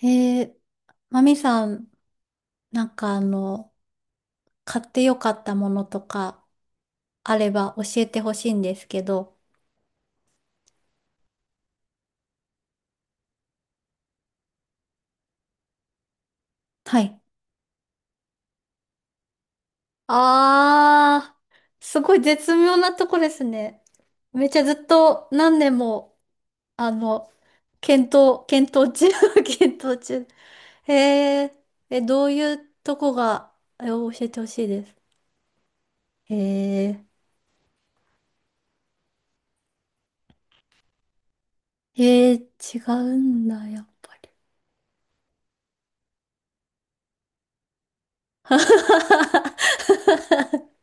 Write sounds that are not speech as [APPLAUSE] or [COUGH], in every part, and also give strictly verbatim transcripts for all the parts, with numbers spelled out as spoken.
えー、マミさん、なんかあの、買ってよかったものとかあれば教えてほしいんですけど。はい。あー、すごい絶妙なとこですね。めっちゃずっと何年も、あの、検討、検討中、[LAUGHS] 検討中。えー、え、どういうとこが、え教えてほしいです。えー、えー、違うんだ、やっぱり。[LAUGHS]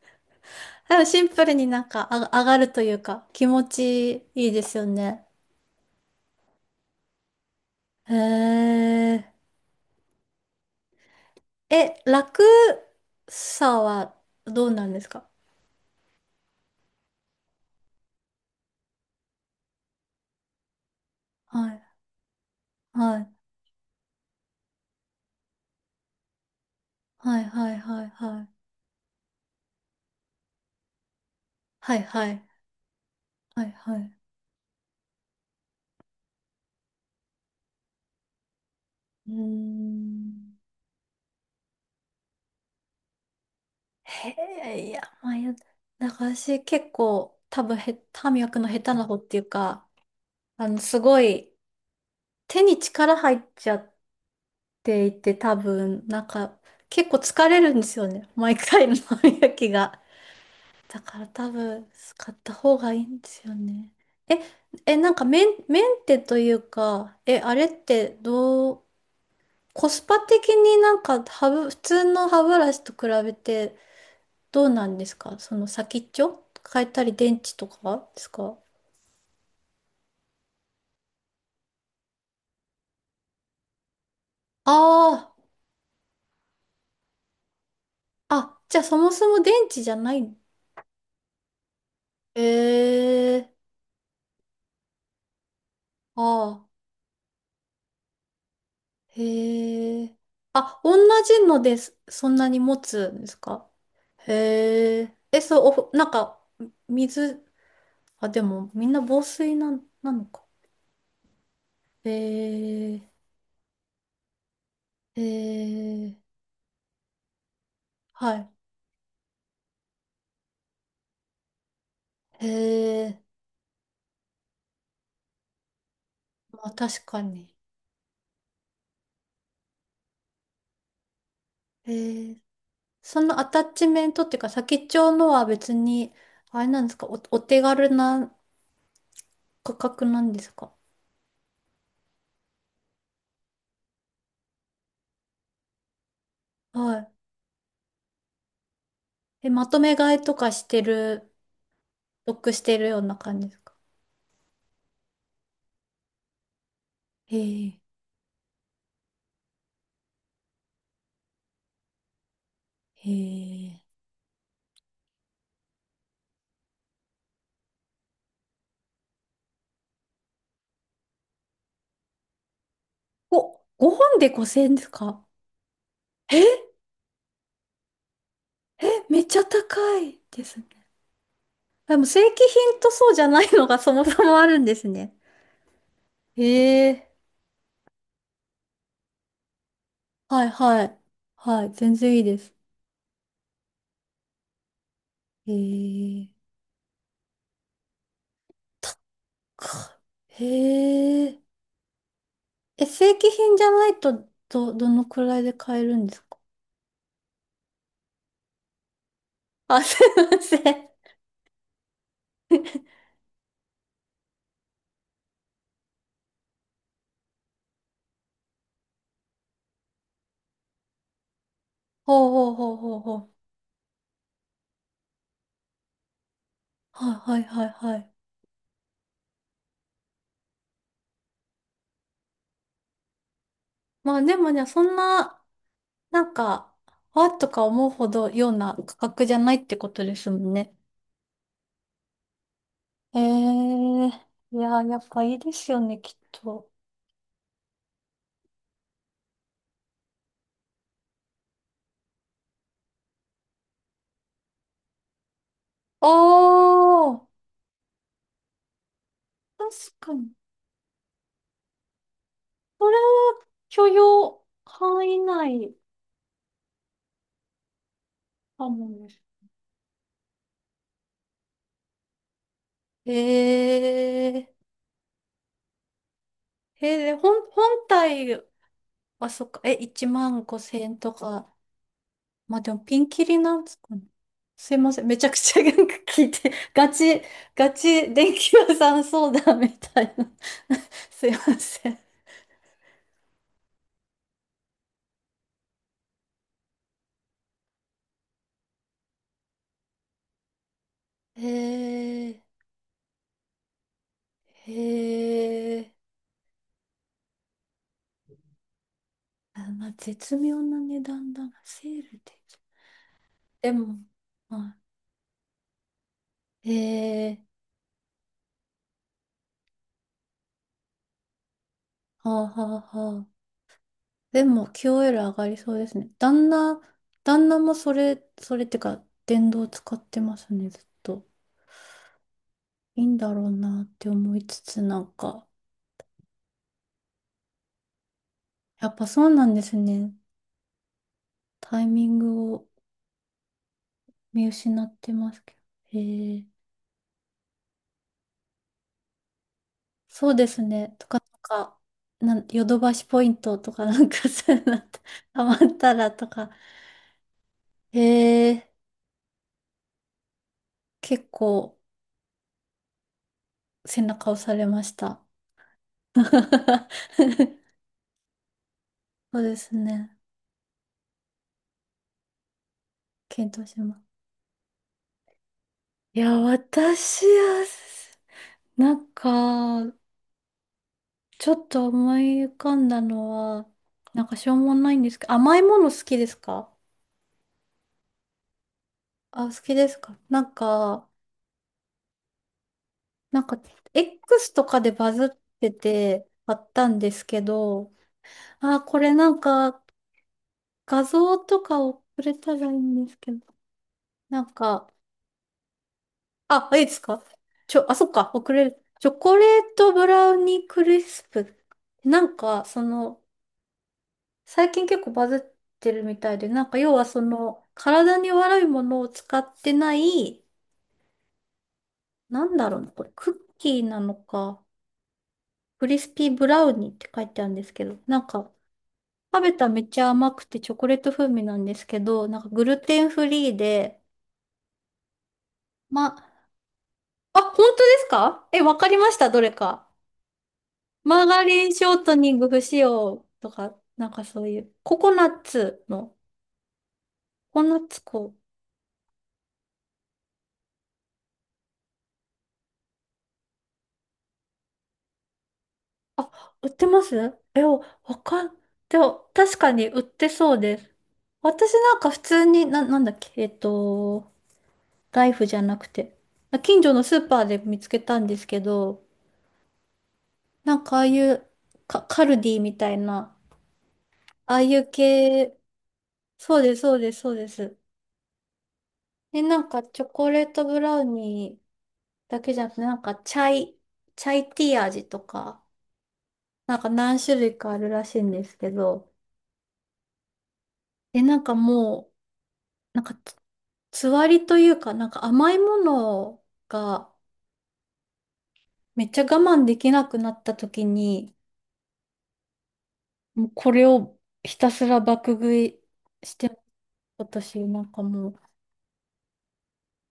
でもシンプルになんかあ上がるというか気持ちいいですよね。へえ。え、楽さはどうなんですか？はい。はい。はいはいはいはい。はいはいはいはい。うーん。へえ、いや、まあ、や、なんか私結構多分へ、歯磨くの下手な方っていうか、あの、すごい手に力入っちゃってていて、多分、なんか、結構疲れるんですよね。毎回の歯磨きが。だから多分、使った方がいいんですよね。え、え、なんかメン、メンテというか、え、あれってどう、コスパ的になんか歯ブ、普通の歯ブラシと比べてどうなんですか？その先っちょ変えたり電池とかですか？ああー、あ、じゃあそもそも電池じゃない。ええー。ああー。へえ。あ、同じのです。そんなに持つんですか？へえ。え、そう、おふ、なんか、水、あ、でも、みんな防水なん、なのか。へえ。へえ。はい。へえ。まあ、確かに。へえ。そのアタッチメントっていうか、先っちょのは別に、あれなんですか、お、お手軽な価格なんですか？はい。え、まとめ買いとかしてる、得してるような感じですか？へえ。へえ。お、ごほんでごせんえんですか？えー、めっちゃ高いですね。でも正規品とそうじゃないのが [LAUGHS] そもそもあるんですね。へえ。はいはい。はい、全然いいです。へえ。かへえ。え、正規品じゃないとど、どのくらいで買えるんですか？あ、すいません。ほうほうほうほうほう。はいはいはいはい。まあでもね、そんな、なんか、わっとか思うほどような価格じゃないってことですもんね。えー、いやー、やっぱいいですよね、きっと。あー、確かに。許容範囲内かもです。えー、えー、で、本、本体はそっか、え、いちまんごせんえんとか。まあでもピンキリなんですかね。すいません。めちゃくちゃなんか聞いて、[LAUGHS] ガチ、ガチ電気屋さん相談みたいな。[LAUGHS] すいません。へえ、へえ。あ、まあ絶妙な値段だな。セールで。でも、まあ、へえ、はあはあはあ。でも キューオーエル 上がりそうですね。旦那、旦那もそれ、それってか、電動使ってますね、ずっと。いいんだろうなって思いつつ、なんか。やっぱそうなんですね。タイミングを見失ってますけど。へえ。そうですね。とか、なんか、なんヨドバシポイントとかなんかそういうのって [LAUGHS] ハマったらとか。へえ。結構背中押されました。[LAUGHS] そうですね。検討します。いや、私は、なんか、ちょっと思い浮かんだのは、なんかしょうもないんですけど、甘いもの好きですか？あ、好きですか？なんか、なんか、エックス とかでバズっててあったんですけど、あ、これなんか、画像とか送れたらいいんですけど、なんか、あ、いいですか？ちょ、あ、そっか、送れる。チョコレートブラウニークリスプ。なんか、その、最近結構バズってるみたいで、なんか、要はその、体に悪いものを使ってない、なんだろうな、これ、クッキーなのか。クリスピーブラウニーって書いてあるんですけど、なんか、食べたらめっちゃ甘くてチョコレート風味なんですけど、なんかグルテンフリーで、ま、あ、本当ですか？え、わかりました、どれか。マーガリンショートニング不使用とか、なんかそういう、ココナッツの、ココナッツこうあ、売ってますえ、わかん、でも、確かに売ってそうです。私なんか普通に、な、なんだっけ、えっと、ライフじゃなくて。近所のスーパーで見つけたんですけど、なんかああいうカ、カルディみたいな、ああいう系、そうです、そうです、そうです。で、なんかチョコレートブラウニーだけじゃなくて、なんかチャイ、チャイティー味とか、なんか何種類かあるらしいんですけど、で、なんかもう、なんかつ、つわりというか、なんか甘いものがめっちゃ我慢できなくなった時に、もうこれをひたすら爆食いしてます、私なんかもう、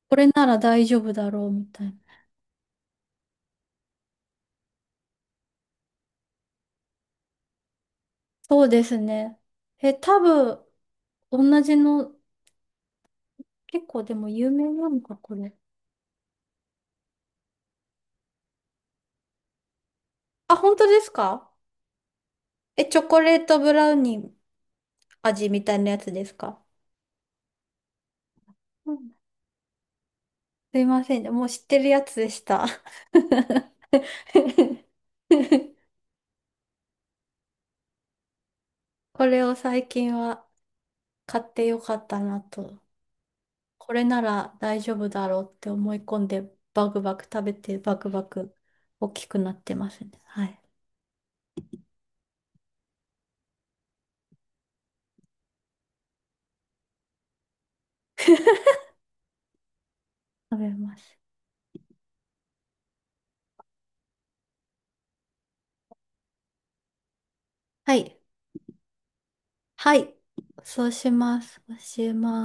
これなら大丈夫だろうみたいな。そうですね。え、多分、同じの、結構でも有名なのか、これ。あ、本当ですか？え、チョコレートブラウニー味みたいなやつですか？うん。すいませんね、もう知ってるやつでした。[LAUGHS] これを最近は買ってよかったなと。これなら大丈夫だろうって思い込んで、バクバク食べて、バクバク大きくなってますね。はい。食べます。はい。はい。そうします。そうします。